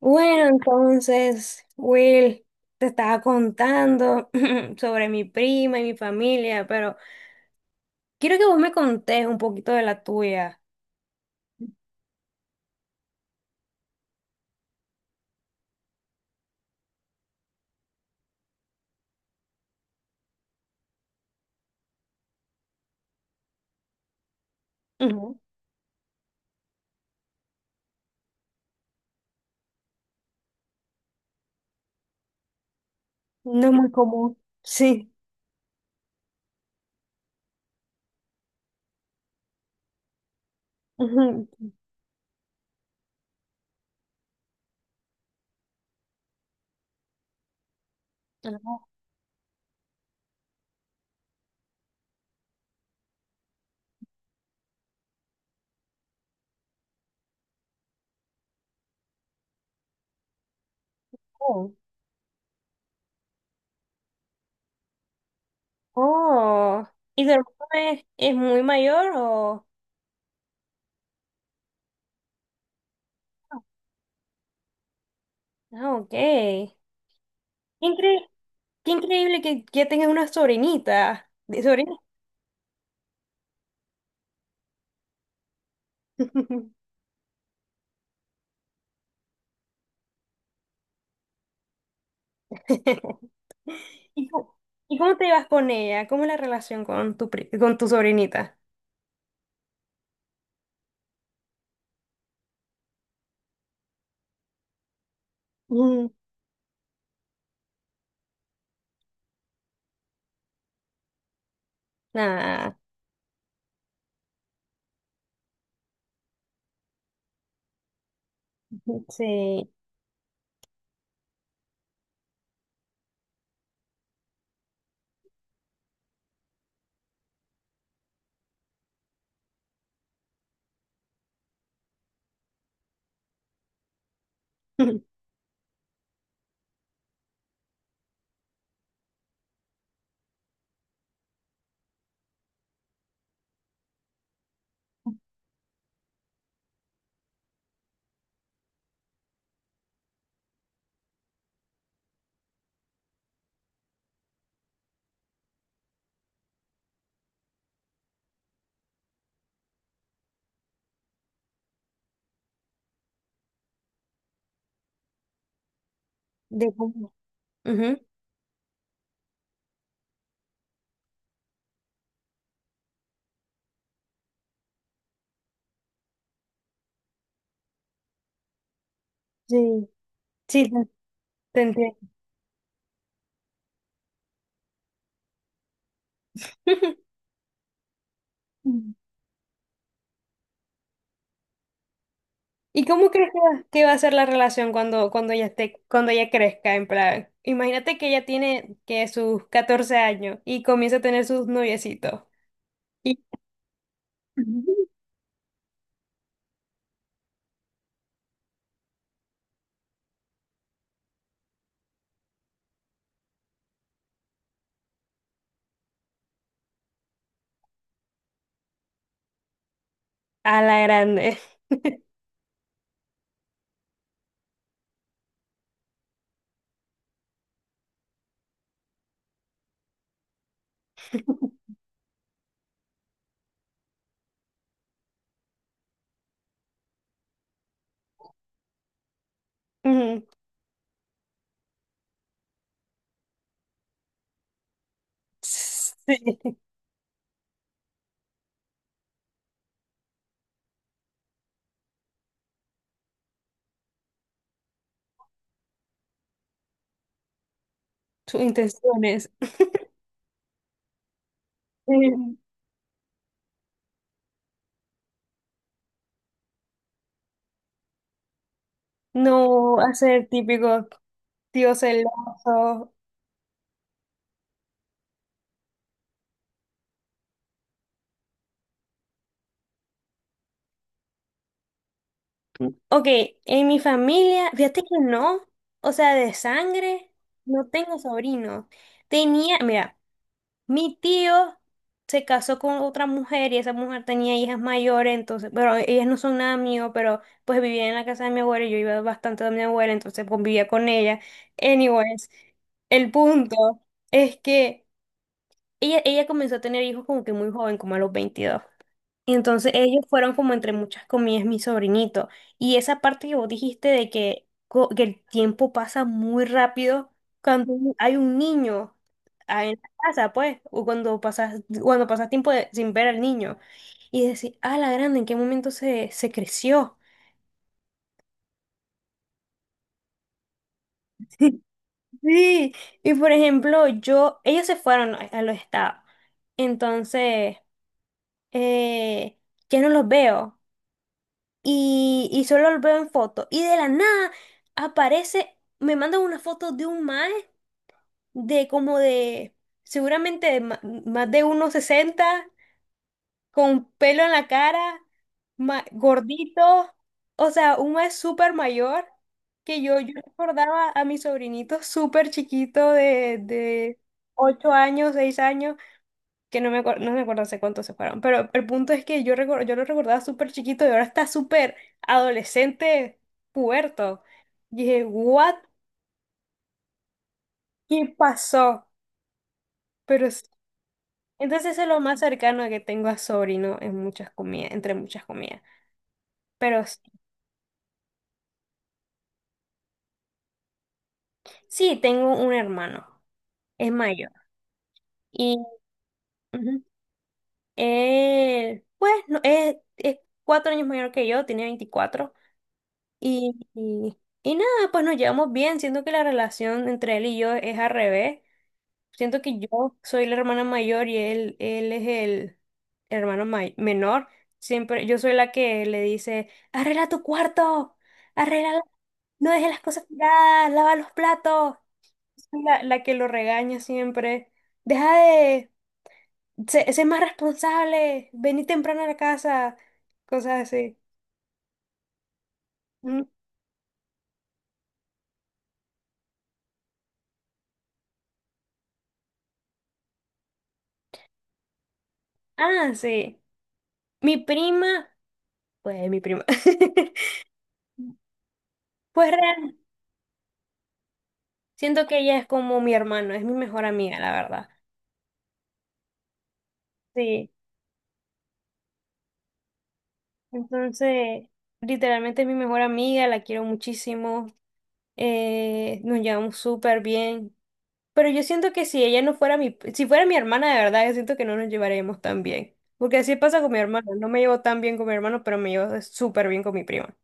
Bueno, entonces, Will, te estaba contando sobre mi prima y mi familia, pero quiero que vos me contés un poquito de la tuya. Ujú. No es muy común. Sí. Ujú. Ah. Oh. Oh, ¿y tu hermano es muy mayor o...? Ah, ok. Incre- qué increíble que ya tengas una sobrinita. ¿De sobrina? ¿Y cómo, y cómo te llevas con ella? ¿Cómo es la relación con tu sobrinita? Mm. Ah, sí. De cómo. Ujú. Sí, sí, te entiendo. ¿Y cómo crees que va a ser la relación cuando ella esté, cuando ella crezca? En plan, imagínate que ella tiene que sus 14 años y comienza a tener sus noviecitos. Y Ujú. A la grande. Ujú. Sí, sus intenciones. Ujú. No hacer típico tío celoso. Ok, en mi familia, fíjate que no, o sea, de sangre, no tengo sobrinos. Tenía, mira. Mi tío se casó con otra mujer y esa mujer tenía hijas mayores, entonces, pero ellas no son nada mío, pero pues vivía en la casa de mi abuela y yo iba bastante donde mi abuela, entonces convivía con ella. Anyways, el punto es que ella comenzó a tener hijos como que muy joven, como a los 22. Entonces ellos fueron como entre muchas comillas mi sobrinito. Y esa parte que vos dijiste de que el tiempo pasa muy rápido cuando hay un niño en la casa, pues, o cuando pasas tiempo sin ver al niño. Y decir, ah, la grande, ¿en qué momento se creció? Sí, y por ejemplo, yo, ellos se fueron a los estados. Entonces, eh, ya no los veo. Y solo lo veo en foto. Y de la nada aparece, me mandan una foto de un mae de como de, seguramente de más de uno sesenta con pelo en la cara, gordito, o sea, un mae súper mayor. Que yo recordaba a mi sobrinito súper chiquito de 8 años, 6 años, que no me acuerdo hace cuánto se fueron, pero el punto es que yo lo recordaba súper chiquito y ahora está súper adolescente, puberto. Y dije, ¿what? ¿Qué pasó? Pero s- entonces eso es lo más cercano que tengo a sobrino en muchas comidas, entre muchas comidas. Pero s- sí, tengo un hermano, es mayor. Y, ujú, él, pues, no, es 4 años mayor que yo, tiene 24. Y, y, y nada, pues nos llevamos bien. Siento que la relación entre él y yo es al revés. Siento que yo soy la hermana mayor y él es el hermano menor. Siempre, yo soy la que le dice, arregla tu cuarto, arregla, no dejes las cosas tiradas, lava los platos. Soy la que lo regaña siempre. Deja de se ser, más responsable, vení temprano a la casa, cosas así. Mm. Ah, sí. Mi prima. Pues mi prima. Pues siento que ella es como mi hermano, es mi mejor amiga, la verdad. Sí, entonces, literalmente es mi mejor amiga, la quiero muchísimo, nos llevamos súper bien, pero yo siento que si ella no fuera si fuera mi hermana de verdad, yo siento que no nos llevaríamos tan bien, porque así pasa con mi hermano, no me llevo tan bien con mi hermano, pero me llevo súper bien con mi prima.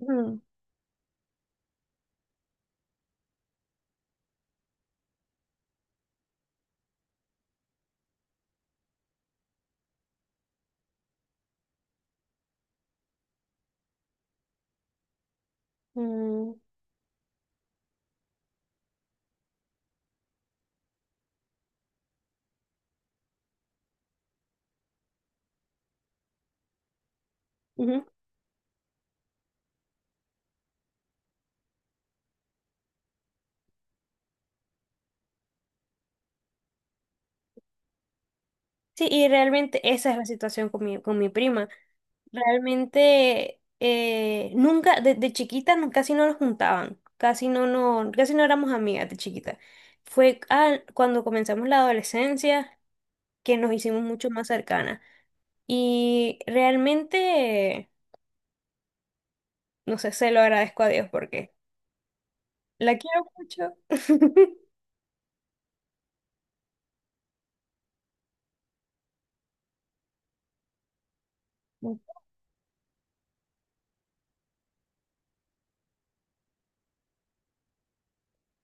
Mm, mm, ujú. Sí, y realmente esa es la situación con mi prima. Realmente nunca, de chiquita casi no nos juntaban, casi no éramos amigas de chiquita. Fue cuando comenzamos la adolescencia que nos hicimos mucho más cercanas. Y realmente, no sé, se lo agradezco a Dios porque la quiero mucho.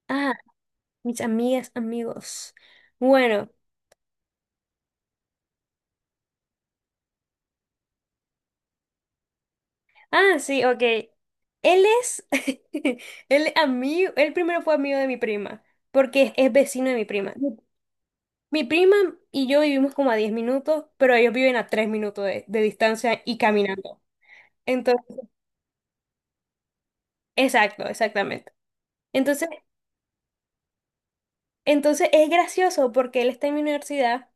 Ah, mis amigas, amigos. Bueno. Ah, sí, ok. Él es, él amigo, él primero fue amigo de mi prima, porque es vecino de mi prima. Mi prima y yo vivimos como a 10 minutos, pero ellos viven a 3 minutos de distancia y caminando. Entonces, exacto, exactamente. Entonces, entonces es gracioso porque él está en mi universidad.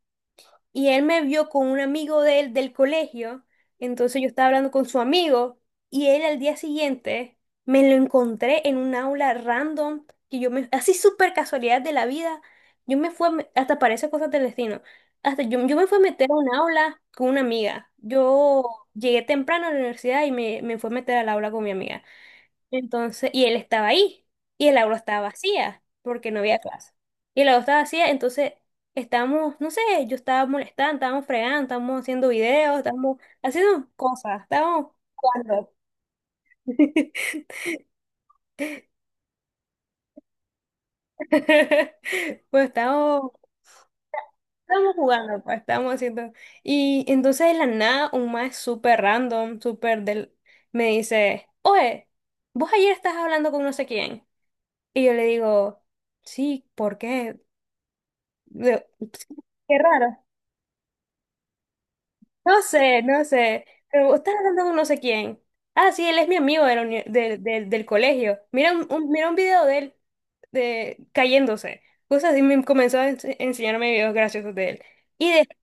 Y él me vio con un amigo de él del colegio, entonces yo estaba hablando con su amigo y él al día siguiente me lo encontré en un aula random que yo me, así súper casualidad de la vida, yo me fui, hasta parece cosas del destino, hasta yo me fui a meter a un aula con una amiga, yo llegué temprano a la universidad y me fui a meter al aula con mi amiga. Entonces, y él estaba ahí, y el aula estaba vacía, porque no había clase. Y el aula estaba vacía, entonces estábamos, no sé, yo estaba molestando, estábamos fregando, estábamos haciendo videos, estábamos haciendo cosas, estábamos jugando. Pues estábamos jugando, pues estábamos haciendo. Y entonces de la nada, un más súper random, me dice, oye, vos ayer estás hablando con no sé quién. Y yo le digo, sí, ¿por qué? de- Qué raro. No sé, no sé. Pero vos estás hablando con no sé quién. Ah, sí, él es mi amigo de la uni- de- del colegio. Mira un video de él cayéndose. Cosas así me comenzó a enseñarme videos graciosos de él. Y después,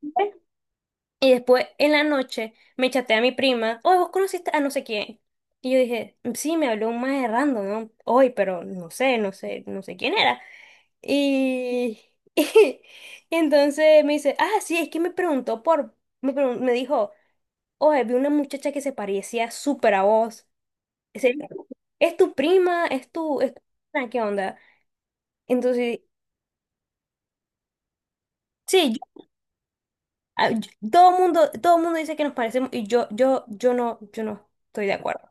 y después en la noche me chateé a mi prima. Oye, vos conociste a no sé quién. Y yo dije, sí, me habló un más random, ¿no? Hoy, pero no sé, no sé, no sé quién era. Y, y entonces me dice, ah, sí, es que me preguntó por, me dijo, oye, vi una muchacha que se parecía súper a vos. ¿Es serio? ¿Es tu prima? ¿Es tu prima? ¿Qué onda? Entonces, sí, todo el mundo, dice que nos parecemos y yo no estoy de acuerdo.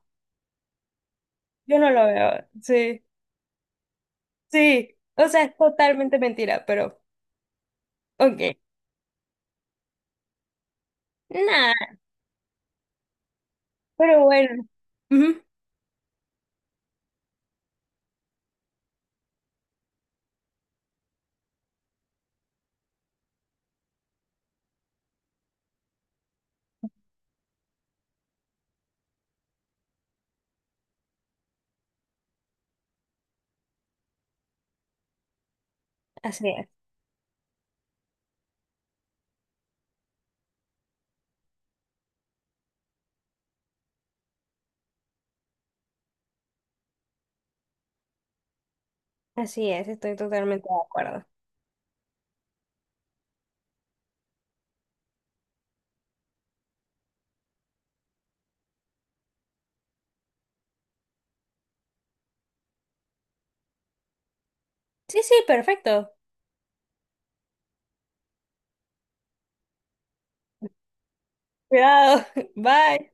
Yo no lo veo. Sí, sí. O sea, es totalmente mentira, pero, ok. Nada, pero bueno. Ujú. Así es, así es, estoy totalmente de acuerdo. Sí, sí, perfecto. Cuidado. Bye.